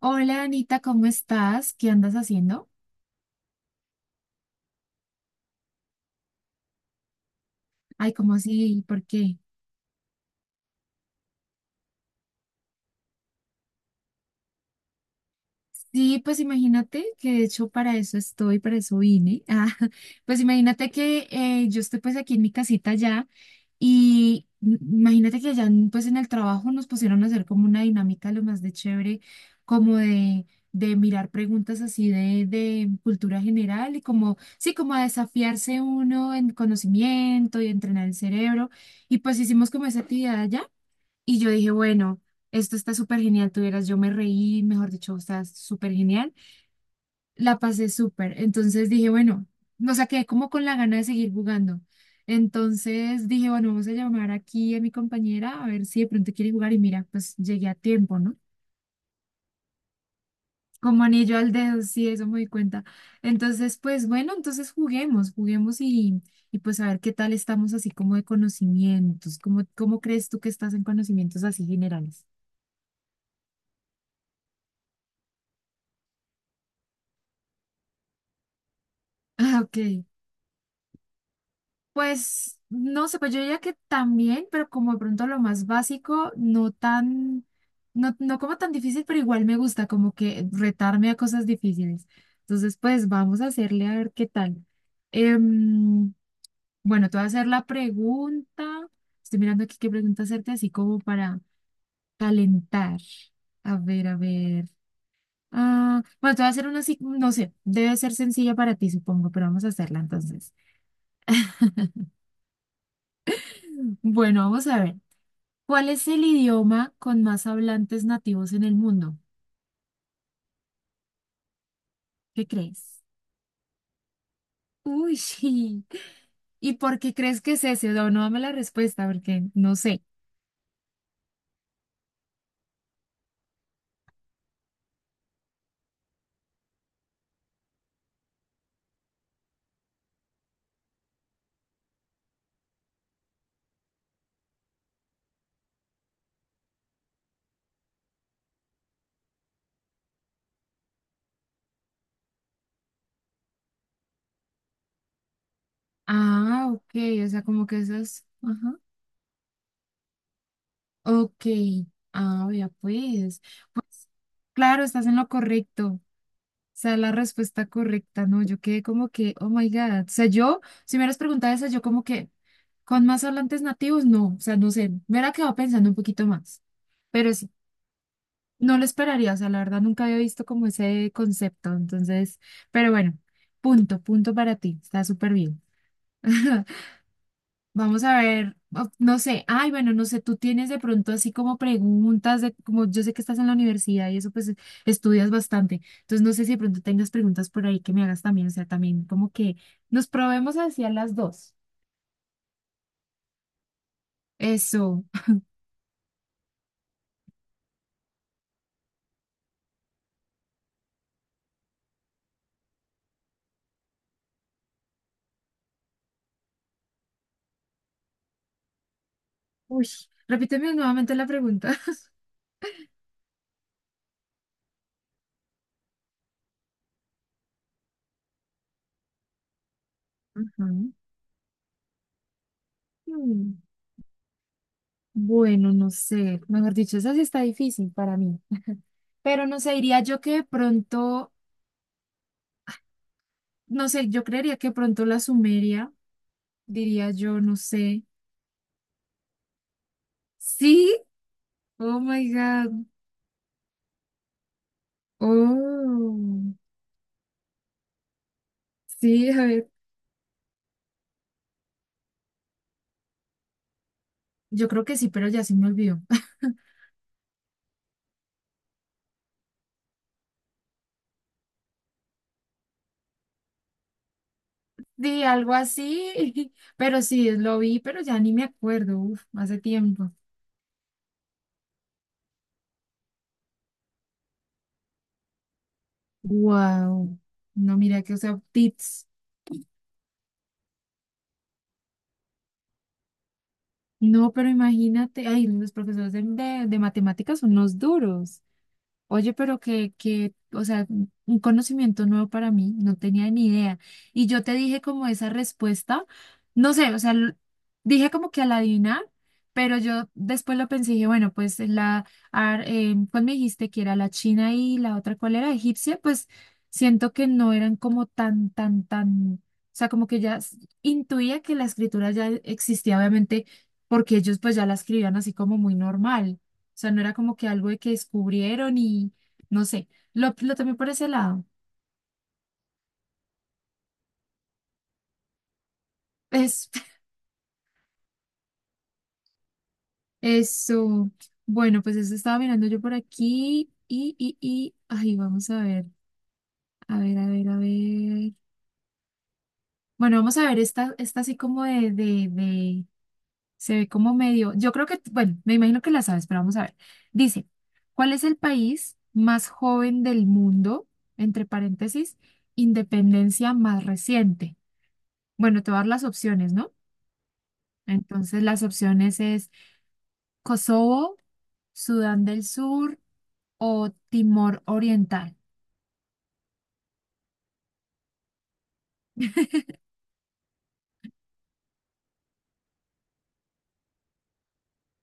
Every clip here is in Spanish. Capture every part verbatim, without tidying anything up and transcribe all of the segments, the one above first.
Hola Anita, ¿cómo estás? ¿Qué andas haciendo? Ay, ¿cómo así? ¿Por qué? Sí, pues imagínate que de hecho para eso estoy, para eso vine. Ah, pues imagínate que eh, yo estoy pues aquí en mi casita ya y m- imagínate que allá en- pues en el trabajo nos pusieron a hacer como una dinámica lo más de chévere, como de, de mirar preguntas así de, de cultura general y como, sí, como a desafiarse uno en conocimiento y entrenar el cerebro. Y pues hicimos como esa actividad allá. Y yo dije, bueno, esto está súper genial, tuvieras, yo me reí, mejor dicho, está súper genial. La pasé súper. Entonces dije, bueno, no sea, quedé como con la gana de seguir jugando. Entonces dije, bueno, vamos a llamar aquí a mi compañera a ver si de pronto quiere jugar. Y mira, pues llegué a tiempo, ¿no? Como anillo al dedo, sí, eso me di cuenta. Entonces, pues bueno, entonces juguemos, juguemos y, y pues a ver qué tal estamos así como de conocimientos. ¿Cómo, cómo crees tú que estás en conocimientos así generales? Ah, ok. Pues no sé, pues yo diría que también, pero como de pronto lo más básico, no tan, no, no como tan difícil, pero igual me gusta como que retarme a cosas difíciles. Entonces, pues vamos a hacerle a ver qué tal. Em, bueno, te voy a hacer la pregunta. Estoy mirando aquí qué pregunta hacerte, así como para calentar. A ver, a ver. Ah, bueno, te voy a hacer una así, no sé, debe ser sencilla para ti, supongo, pero vamos a hacerla entonces. Bueno, vamos a ver. ¿Cuál es el idioma con más hablantes nativos en el mundo? ¿Qué crees? Uy, sí. ¿Y por qué crees que es ese? No, no dame la respuesta porque no sé. Ah, ok, o sea, como que eso es. Ajá. Ok, ah, ya pues. Pues claro, estás en lo correcto. O sea, la respuesta correcta, ¿no? Yo quedé como que, oh my God. O sea, yo, si me hubieras preguntado eso, yo como que, ¿con más hablantes nativos? No, o sea, no sé. Me hubiera quedado pensando un poquito más. Pero sí, no lo esperaría, o sea, la verdad nunca había visto como ese concepto, entonces, pero bueno, punto, punto para ti, está súper bien. Vamos a ver, o- no sé, ay, bueno, no sé, tú tienes de pronto así como preguntas de, como yo sé que estás en la universidad y eso pues estudias bastante, entonces no sé si de pronto tengas preguntas por ahí que me hagas también, o sea, también como que nos probemos hacia las dos. Eso. Uy, repíteme nuevamente la pregunta. Ujú. Mm. Bueno, no sé, mejor dicho, esa sí está difícil para mí, pero no sé, diría yo que de pronto, no sé, yo creería que de pronto la Sumeria, diría yo, no sé. Sí, oh my God, oh, sí, a ver, yo creo que sí, pero ya se me olvidó. Sí, algo así, pero sí, lo vi, pero ya ni me acuerdo, uf, hace tiempo. Wow, no, mira que, o sea, tips. No, pero imagínate, ay, los profesores de, de, de matemáticas son los duros. Oye, pero que, que, o sea, un conocimiento nuevo para mí, no tenía ni idea. Y yo te dije como esa respuesta, no sé, o sea, l- dije como que al adivinar, pero yo después lo pensé y dije, bueno, pues la, ar- eh, ¿cuál me dijiste que era la China y la otra, cuál era egipcia? Pues siento que no eran como tan, tan, tan, o sea, como que ya s- intuía que la escritura ya existía, obviamente, porque ellos pues ya la escribían así como muy normal sea, no era como que algo de que descubrieron y no sé, lo, lo tomé por ese lado. Es, Eso. Bueno, pues eso estaba mirando yo por aquí y, y, y, ay, vamos a ver, a ver, a ver, a ver. Bueno, vamos a ver esta, esta así como de, de, de, se ve como medio, yo creo que, bueno, me imagino que la sabes, pero vamos a ver. Dice, ¿cuál es el país más joven del mundo? Entre paréntesis, independencia más reciente. Bueno, te voy a dar las opciones, ¿no? Entonces las opciones es Kosovo, Sudán del Sur o Timor Oriental.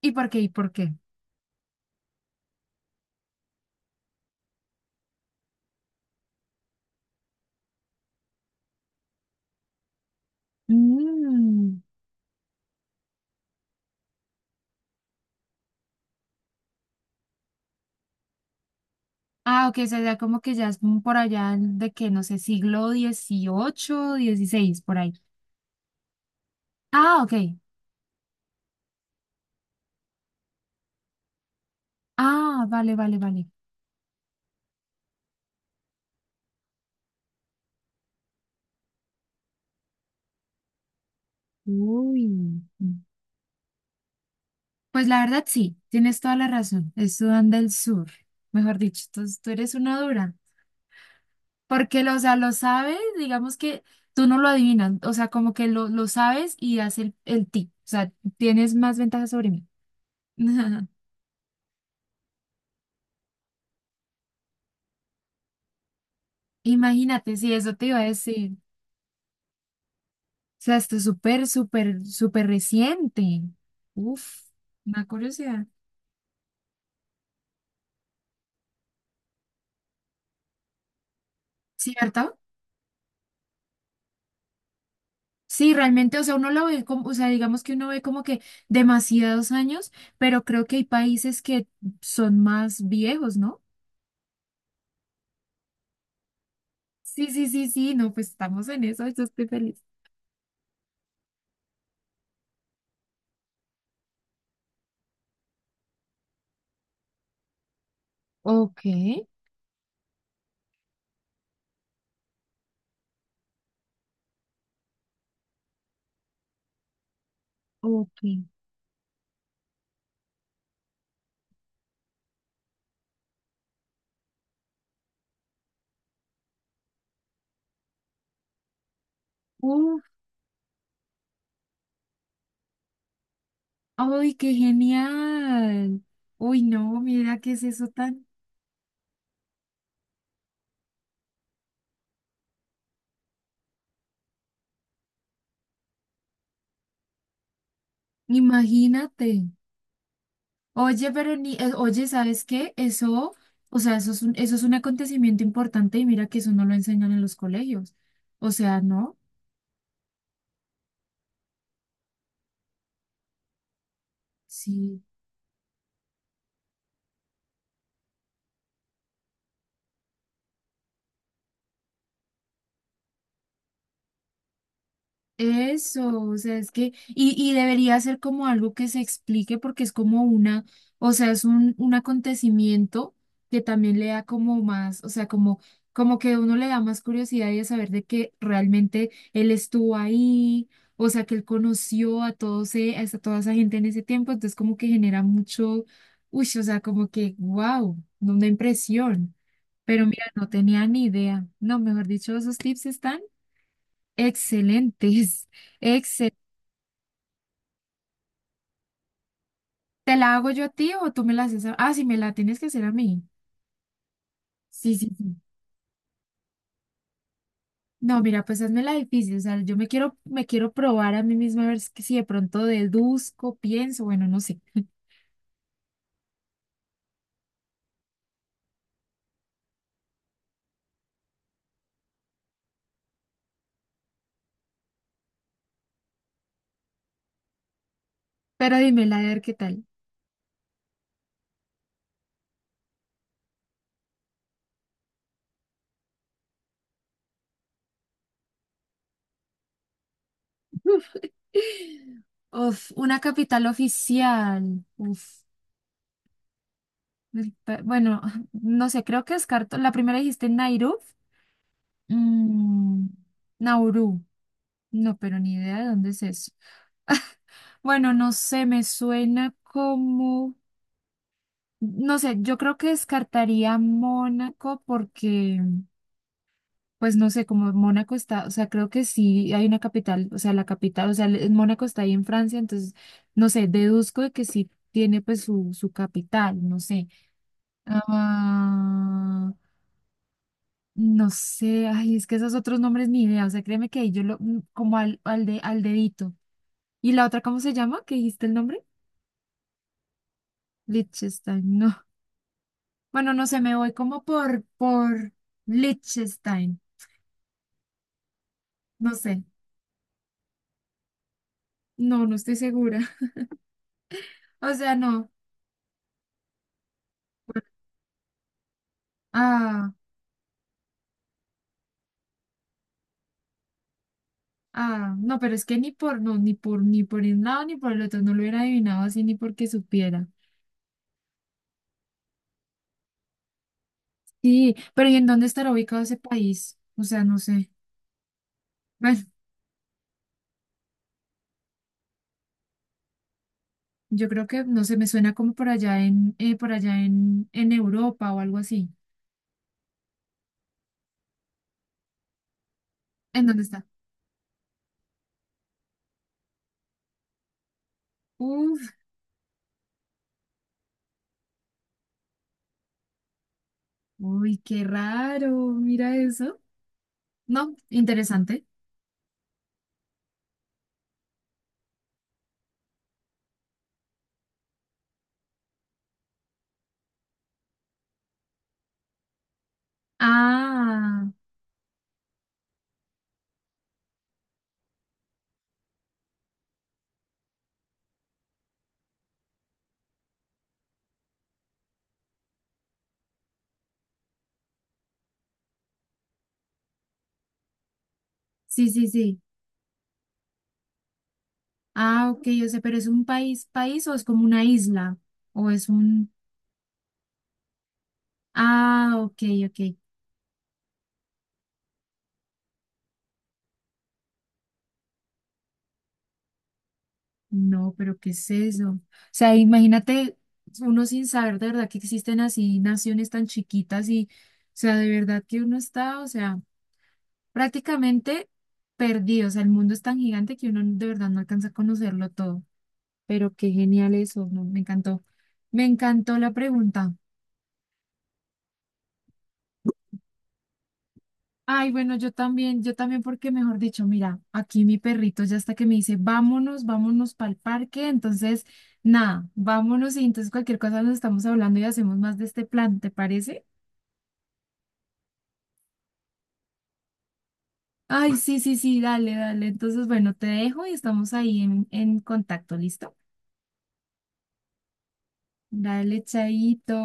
¿Y por qué? ¿Y por qué? Mm. Ah, ok, o sea, ya como que ya es un por allá de que, no sé, siglo dieciocho dieciséis por ahí. Ah, ok. Ah, vale, vale, vale. Uy. Pues la verdad sí, tienes toda la razón. Es Sudán del Sur. Mejor dicho, tú, tú eres una dura. Porque, lo- o sea, lo sabes, digamos que tú no lo adivinas, o sea, como que lo, lo sabes y das el, el tip, o sea, tienes más ventaja sobre mí. Imagínate, si eso te iba a decir. O sea, esto es súper, súper, súper reciente. Uf, una curiosidad. ¿Cierto? Sí, realmente, o sea, uno lo ve como, o sea, digamos que uno ve como que demasiados años, pero creo que hay países que son más viejos, ¿no? Sí, sí, sí, sí, no, pues estamos en eso, yo estoy feliz. Ok. Ok. Uf, ¡ay, qué genial! Uy, no, mira qué es eso tan. Imagínate. Oye, pero ni, eh, oye, ¿sabes qué? Eso, o sea, eso es un, eso es un acontecimiento importante y mira que eso no lo enseñan en los colegios. O sea, ¿no? Sí. Eso, o sea, es que, y, y debería ser como algo que se explique porque es como una, o sea, es un, un acontecimiento que también le da como más, o sea, como, como que uno le da más curiosidad y de saber de que realmente él estuvo ahí, o sea, que él conoció a todos, e- a esa- toda esa gente en ese tiempo, entonces como que genera mucho, uy, o sea, como que, wow, una impresión. Pero mira, no tenía ni idea. No, mejor dicho, esos tips están. Excelentes. Excel. ¿Te la hago yo a ti o tú me la haces a... Ah, sí, me la tienes que hacer a mí. Sí, sí, sí. No, mira, pues hazme la difícil. O sea, yo me quiero, me quiero probar a mí misma a ver si si de pronto deduzco, pienso, bueno, no sé. Pero dímela a ver qué tal. Uf, Uf, una capital oficial. Uf. Pe- Bueno, no sé, creo que descarto. La primera dijiste Nairobi. Mm, Nauru. No, pero ni idea de dónde es eso. Bueno, no sé, me suena como, no sé, yo creo que descartaría Mónaco porque, pues no sé, como Mónaco está, o sea, creo que sí hay una capital, o sea, la capital, o sea, el- Mónaco está ahí en Francia, entonces, no sé, deduzco de que sí tiene pues su, su capital, no sé. Ah, no sé, ay, es que esos otros nombres ni idea, o sea, créeme que ahí yo lo, mm, como al, al, de, al dedito. ¿Y la otra, cómo se llama? ¿Qué dijiste el nombre? Liechtenstein, no. Bueno, no sé, me voy como por, por Liechtenstein. No sé. No, no estoy segura. O sea, no. Ah, ah, no, pero es que ni por, no, ni por, ni por un lado ni por el otro. No lo hubiera adivinado así ni porque supiera. Sí, pero ¿y en dónde estará ubicado ese país? O sea, no sé. Bueno, yo creo que, no sé, me suena como por allá en, eh, por allá en, en Europa o algo así. ¿En dónde está? Uf, uy, qué raro. Mira eso. No, interesante. Ah. Sí, sí, sí. Ah, ok, yo sé, pero ¿es un país, país o es como una isla? ¿O es un... Ah, ok, ok. No, pero ¿qué es eso? O sea, imagínate uno sin saber de verdad que existen así naciones tan chiquitas y, o sea, de verdad que uno está, o sea, prácticamente perdido. O sea, el mundo es tan gigante que uno de verdad no alcanza a conocerlo todo. Pero qué genial eso, ¿no? Me encantó. Me encantó la pregunta. Ay, bueno, yo también, yo también, porque mejor dicho, mira, aquí mi perrito ya está que me dice, vámonos, vámonos para el parque. Entonces, nada, vámonos y entonces cualquier cosa nos estamos hablando y hacemos más de este plan, ¿te parece? Ay, sí, sí, sí, dale, dale. Entonces, bueno, te dejo y estamos ahí en, en contacto, ¿listo? Dale, chaito.